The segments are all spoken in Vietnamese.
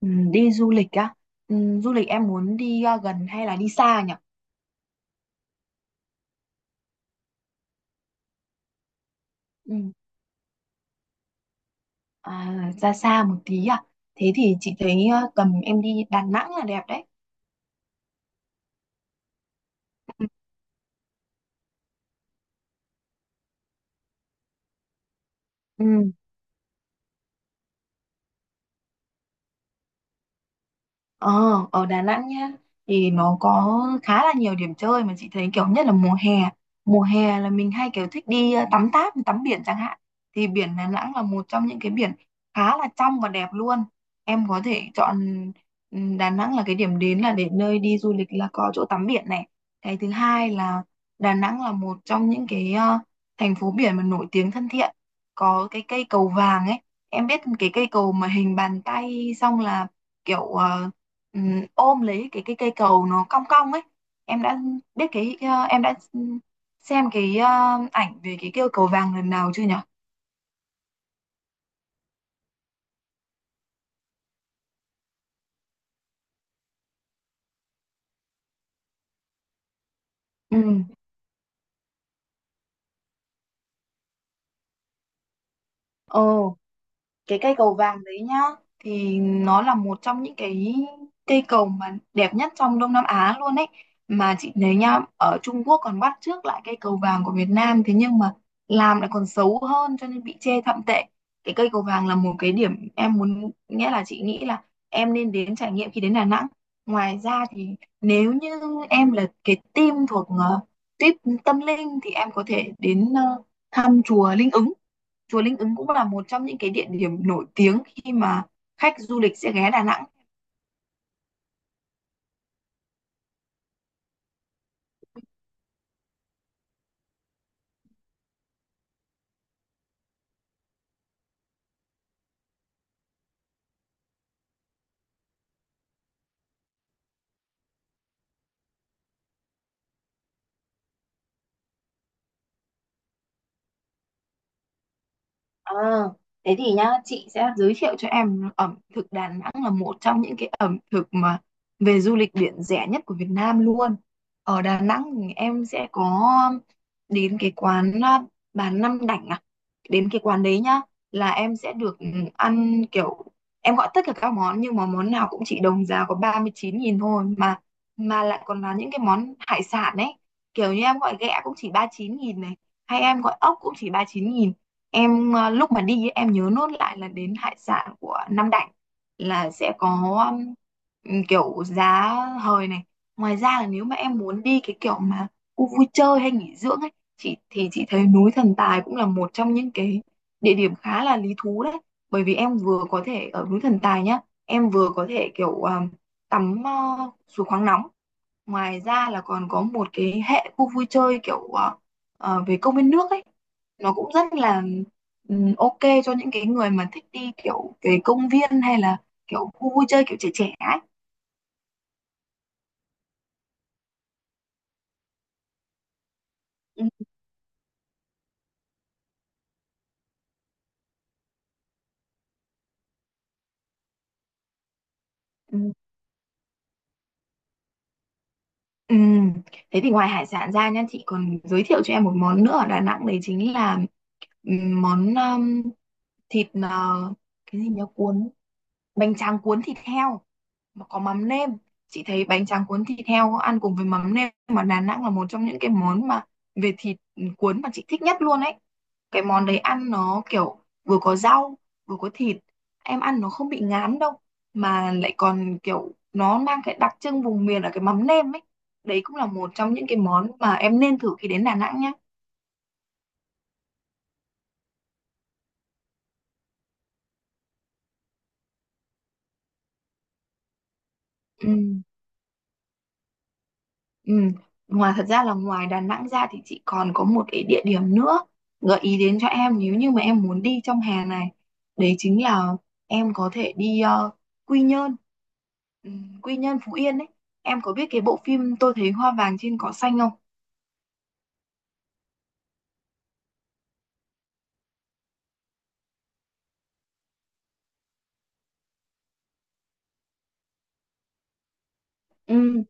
Ừ, đi du lịch á. Du lịch em muốn đi gần hay là đi xa nhỉ? Ừ. À, ra xa một tí à? Thế thì chị thấy tầm em đi Đà Nẵng là đẹp đấy. Ừ. Ừ. Ờ, ở Đà Nẵng nhá, thì nó có khá là nhiều điểm chơi mà chị thấy kiểu nhất là mùa hè. Mùa hè là mình hay kiểu thích đi tắm táp, tắm biển chẳng hạn. Thì biển Đà Nẵng là một trong những cái biển khá là trong và đẹp luôn. Em có thể chọn Đà Nẵng là cái điểm đến, là để nơi đi du lịch là có chỗ tắm biển này. Cái thứ hai là Đà Nẵng là một trong những cái thành phố biển mà nổi tiếng thân thiện. Có cái cây cầu vàng ấy. Em biết cái cây cầu mà hình bàn tay, xong là kiểu ôm lấy cái cây cầu nó cong cong ấy. Em đã biết cái ờ, Em đã xem cái ảnh về cái cây cầu vàng lần nào chưa nhỉ? Ừ. Ồ, cái cây cầu vàng đấy nhá, thì nó là một trong những cái cây cầu mà đẹp nhất trong Đông Nam Á luôn ấy. Mà chị thấy nhá, ở Trung Quốc còn bắt chước lại cây cầu vàng của Việt Nam, thế nhưng mà làm lại còn xấu hơn cho nên bị chê thậm tệ. Cái cây cầu vàng là một cái điểm em muốn, nghĩa là chị nghĩ là em nên đến trải nghiệm khi đến Đà Nẵng. Ngoài ra thì nếu như em là cái team thuộc tuyết tâm linh thì em có thể đến thăm chùa Linh Ứng. Chùa Linh Ứng cũng là một trong những cái địa điểm nổi tiếng khi mà khách du lịch sẽ ghé Đà Nẵng. Ờ, thế thì nhá, chị sẽ giới thiệu cho em ẩm thực Đà Nẵng là một trong những cái ẩm thực mà về du lịch biển rẻ nhất của Việt Nam luôn. Ở Đà Nẵng thì em sẽ có đến cái quán bà Năm Đảnh à. Đến cái quán đấy nhá, là em sẽ được ăn kiểu em gọi tất cả các món nhưng mà món nào cũng chỉ đồng giá có 39.000 thôi, mà lại còn là những cái món hải sản ấy. Kiểu như em gọi ghẹ cũng chỉ 39.000 này, hay em gọi ốc cũng chỉ 39.000. Em lúc mà đi ấy, em nhớ nốt lại là đến hải sản của Nam Định là sẽ có kiểu giá hời này. Ngoài ra là nếu mà em muốn đi cái kiểu mà khu vui chơi hay nghỉ dưỡng ấy, chị thấy núi Thần Tài cũng là một trong những cái địa điểm khá là lý thú đấy. Bởi vì em vừa có thể ở núi Thần Tài nhá, em vừa có thể kiểu tắm suối khoáng nóng. Ngoài ra là còn có một cái hệ khu vui chơi kiểu về công viên nước ấy. Nó cũng rất là ok cho những cái người mà thích đi kiểu về công viên hay là kiểu khu vui chơi kiểu trẻ trẻ ấy. Ừ. Ừ. Ừ. Thế thì ngoài hải sản ra nha, chị còn giới thiệu cho em một món nữa ở Đà Nẵng đấy chính là món thịt cái gì nhỉ, cuốn bánh tráng cuốn thịt heo. Mà có mắm nêm. Chị thấy bánh tráng cuốn thịt heo ăn cùng với mắm nêm mà Đà Nẵng là một trong những cái món mà về thịt cuốn mà chị thích nhất luôn ấy. Cái món đấy ăn nó kiểu vừa có rau vừa có thịt, em ăn nó không bị ngán đâu, mà lại còn kiểu nó mang cái đặc trưng vùng miền ở cái mắm nêm ấy. Đấy cũng là một trong những cái món mà em nên thử khi đến Đà Nẵng nhá. Ừ. Ừ. Thật ra là ngoài Đà Nẵng ra thì chị còn có một cái địa điểm nữa gợi ý đến cho em nếu như mà em muốn đi trong hè này. Đấy chính là em có thể đi Quy Nhơn, ừ, Quy Nhơn Phú Yên ấy. Em có biết cái bộ phim Tôi thấy hoa vàng trên cỏ xanh không? Ừ,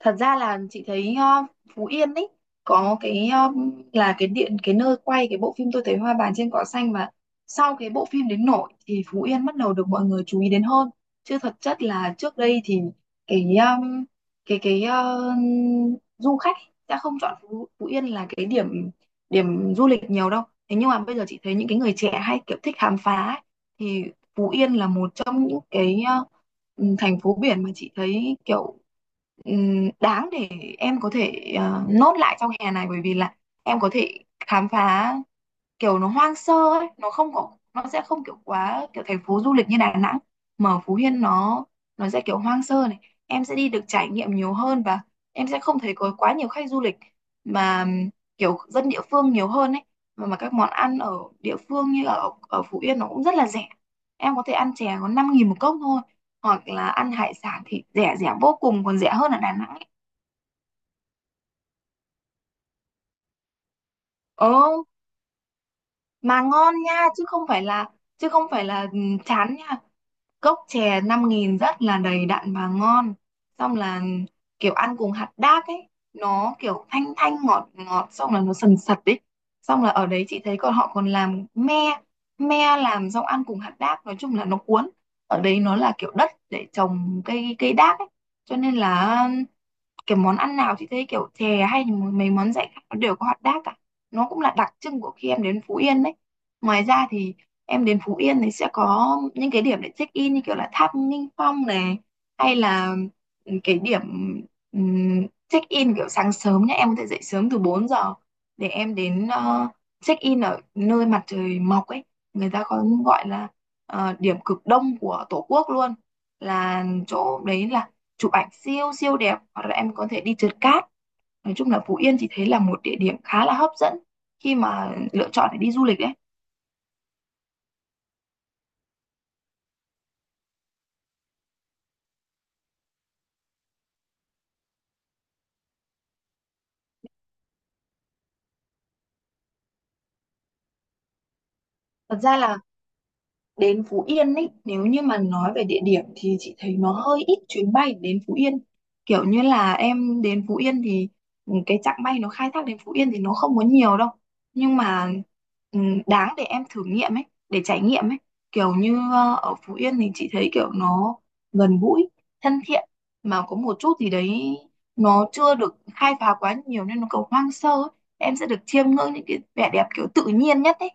thật ra là chị thấy Phú Yên ấy có cái ờ, là cái điện cái nơi quay cái bộ phim Tôi thấy hoa vàng trên cỏ xanh. Mà sau cái bộ phim đến nổi thì Phú Yên bắt đầu được mọi người chú ý đến hơn, chứ thật chất là trước đây thì cái um, cái cái ờ, du khách đã không chọn Phú Yên là cái điểm điểm du lịch nhiều đâu. Thế nhưng mà bây giờ chị thấy những cái người trẻ hay kiểu thích khám phá ấy, thì Phú Yên là một trong những cái thành phố biển mà chị thấy kiểu đáng để em có thể nốt lại trong hè này. Bởi vì là em có thể khám phá kiểu nó hoang sơ ấy. Nó sẽ không kiểu quá kiểu thành phố du lịch như Đà Nẵng, mà ở Phú Yên nó sẽ kiểu hoang sơ này. Em sẽ đi được trải nghiệm nhiều hơn và em sẽ không thấy có quá nhiều khách du lịch mà kiểu dân địa phương nhiều hơn ấy. Mà các món ăn ở địa phương như ở ở Phú Yên nó cũng rất là rẻ, em có thể ăn chè có 5.000 một cốc thôi, hoặc là ăn hải sản thì rẻ rẻ vô cùng còn rẻ hơn ở Đà Nẵng ấy. Ồ, mà ngon nha, chứ không phải là chán nha. Cốc chè 5.000 rất là đầy đặn và ngon, xong là kiểu ăn cùng hạt đác ấy, nó kiểu thanh thanh ngọt ngọt, xong là nó sần sật ấy. Xong là ở đấy chị thấy còn họ còn làm me, me làm xong ăn cùng hạt đác nói chung là nó cuốn. Ở đấy nó là kiểu đất để trồng cây cây đác ấy, cho nên là cái món ăn nào chị thấy kiểu chè hay thì mấy món dạy khác nó đều có hot dog cả. Nó cũng là đặc trưng của khi em đến Phú Yên đấy. Ngoài ra thì em đến Phú Yên thì sẽ có những cái điểm để check in như kiểu là tháp Nghinh Phong này, hay là cái điểm check in kiểu sáng sớm nhé, em có thể dậy sớm từ 4 giờ để em đến check in ở nơi mặt trời mọc ấy. Người ta có gọi là điểm cực đông của Tổ quốc luôn. Là chỗ đấy là chụp ảnh siêu siêu đẹp, hoặc là em có thể đi trượt cát. Nói chung là Phú Yên chị thấy là một địa điểm khá là hấp dẫn khi mà lựa chọn để đi du lịch đấy. Thật ra là đến Phú Yên ý, nếu như mà nói về địa điểm thì chị thấy nó hơi ít chuyến bay đến Phú Yên. Kiểu như là em đến Phú Yên thì cái chặng bay nó khai thác đến Phú Yên thì nó không có nhiều đâu. Nhưng mà đáng để em thử nghiệm ấy, để trải nghiệm ấy. Kiểu như ở Phú Yên thì chị thấy kiểu nó gần gũi, thân thiện, mà có một chút gì đấy nó chưa được khai phá quá nhiều nên nó còn hoang sơ ấy. Em sẽ được chiêm ngưỡng những cái vẻ đẹp kiểu tự nhiên nhất ấy.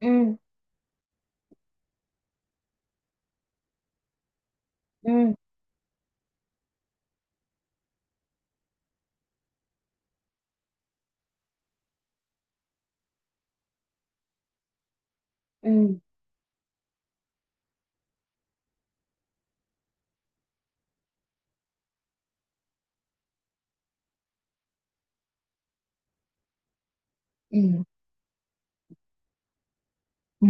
Ừ. ừ Ừ. Ừ. Ừ,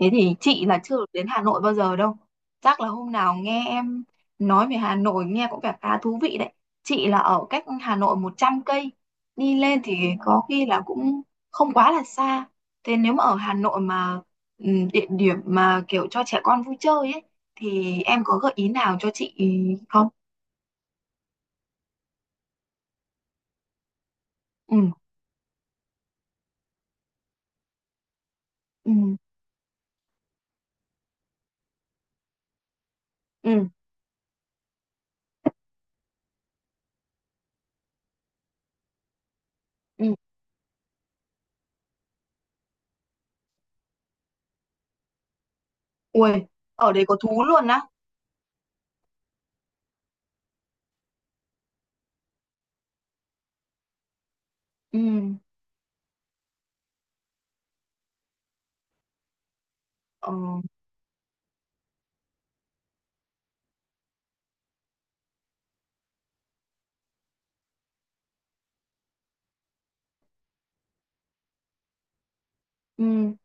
thế thì chị là chưa được đến Hà Nội bao giờ đâu. Chắc là hôm nào nghe em nói về Hà Nội nghe cũng vẻ khá thú vị đấy. Chị là ở cách Hà Nội 100 cây. Đi lên thì có khi là cũng không quá là xa. Thế nếu mà ở Hà Nội mà ừ, địa điểm mà kiểu cho trẻ con vui chơi ấy thì em có gợi ý nào cho chị không? Ừ, ừ, ừ, ừ. Ui, ở đấy có thú luôn á. Ừ, ờ, ừ.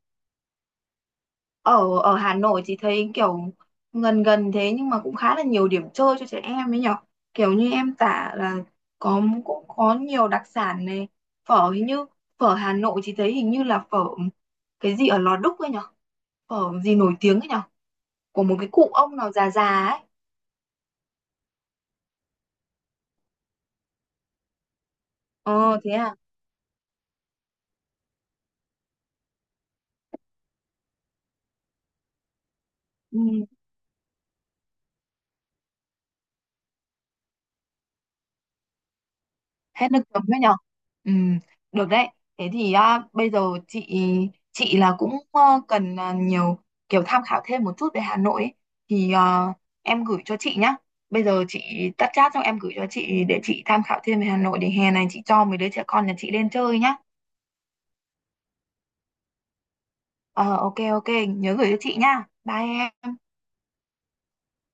ở ở Hà Nội thì thấy kiểu gần gần, thế nhưng mà cũng khá là nhiều điểm chơi cho trẻ em ấy nhở. Kiểu như em tả là có, cũng có nhiều đặc sản này. Phở, hình như phở Hà Nội thì thấy hình như là phở cái gì ở Lò Đúc ấy nhở, phở gì nổi tiếng ấy nhở, của một cái cụ ông nào già già ấy. Ờ, thế à? Ừ. Hết nước chấm đấy nhở. Ừ. Được đấy. Thế thì bây giờ chị chị là cũng cần nhiều kiểu tham khảo thêm một chút về Hà Nội ấy. Thì em gửi cho chị nhá. Bây giờ chị tắt chat xong em gửi cho chị để chị tham khảo thêm về Hà Nội, để hè này chị cho mấy đứa trẻ con nhà chị lên chơi nhá. Ờ, ok, ok, nhớ gửi cho chị nhá. Bye em.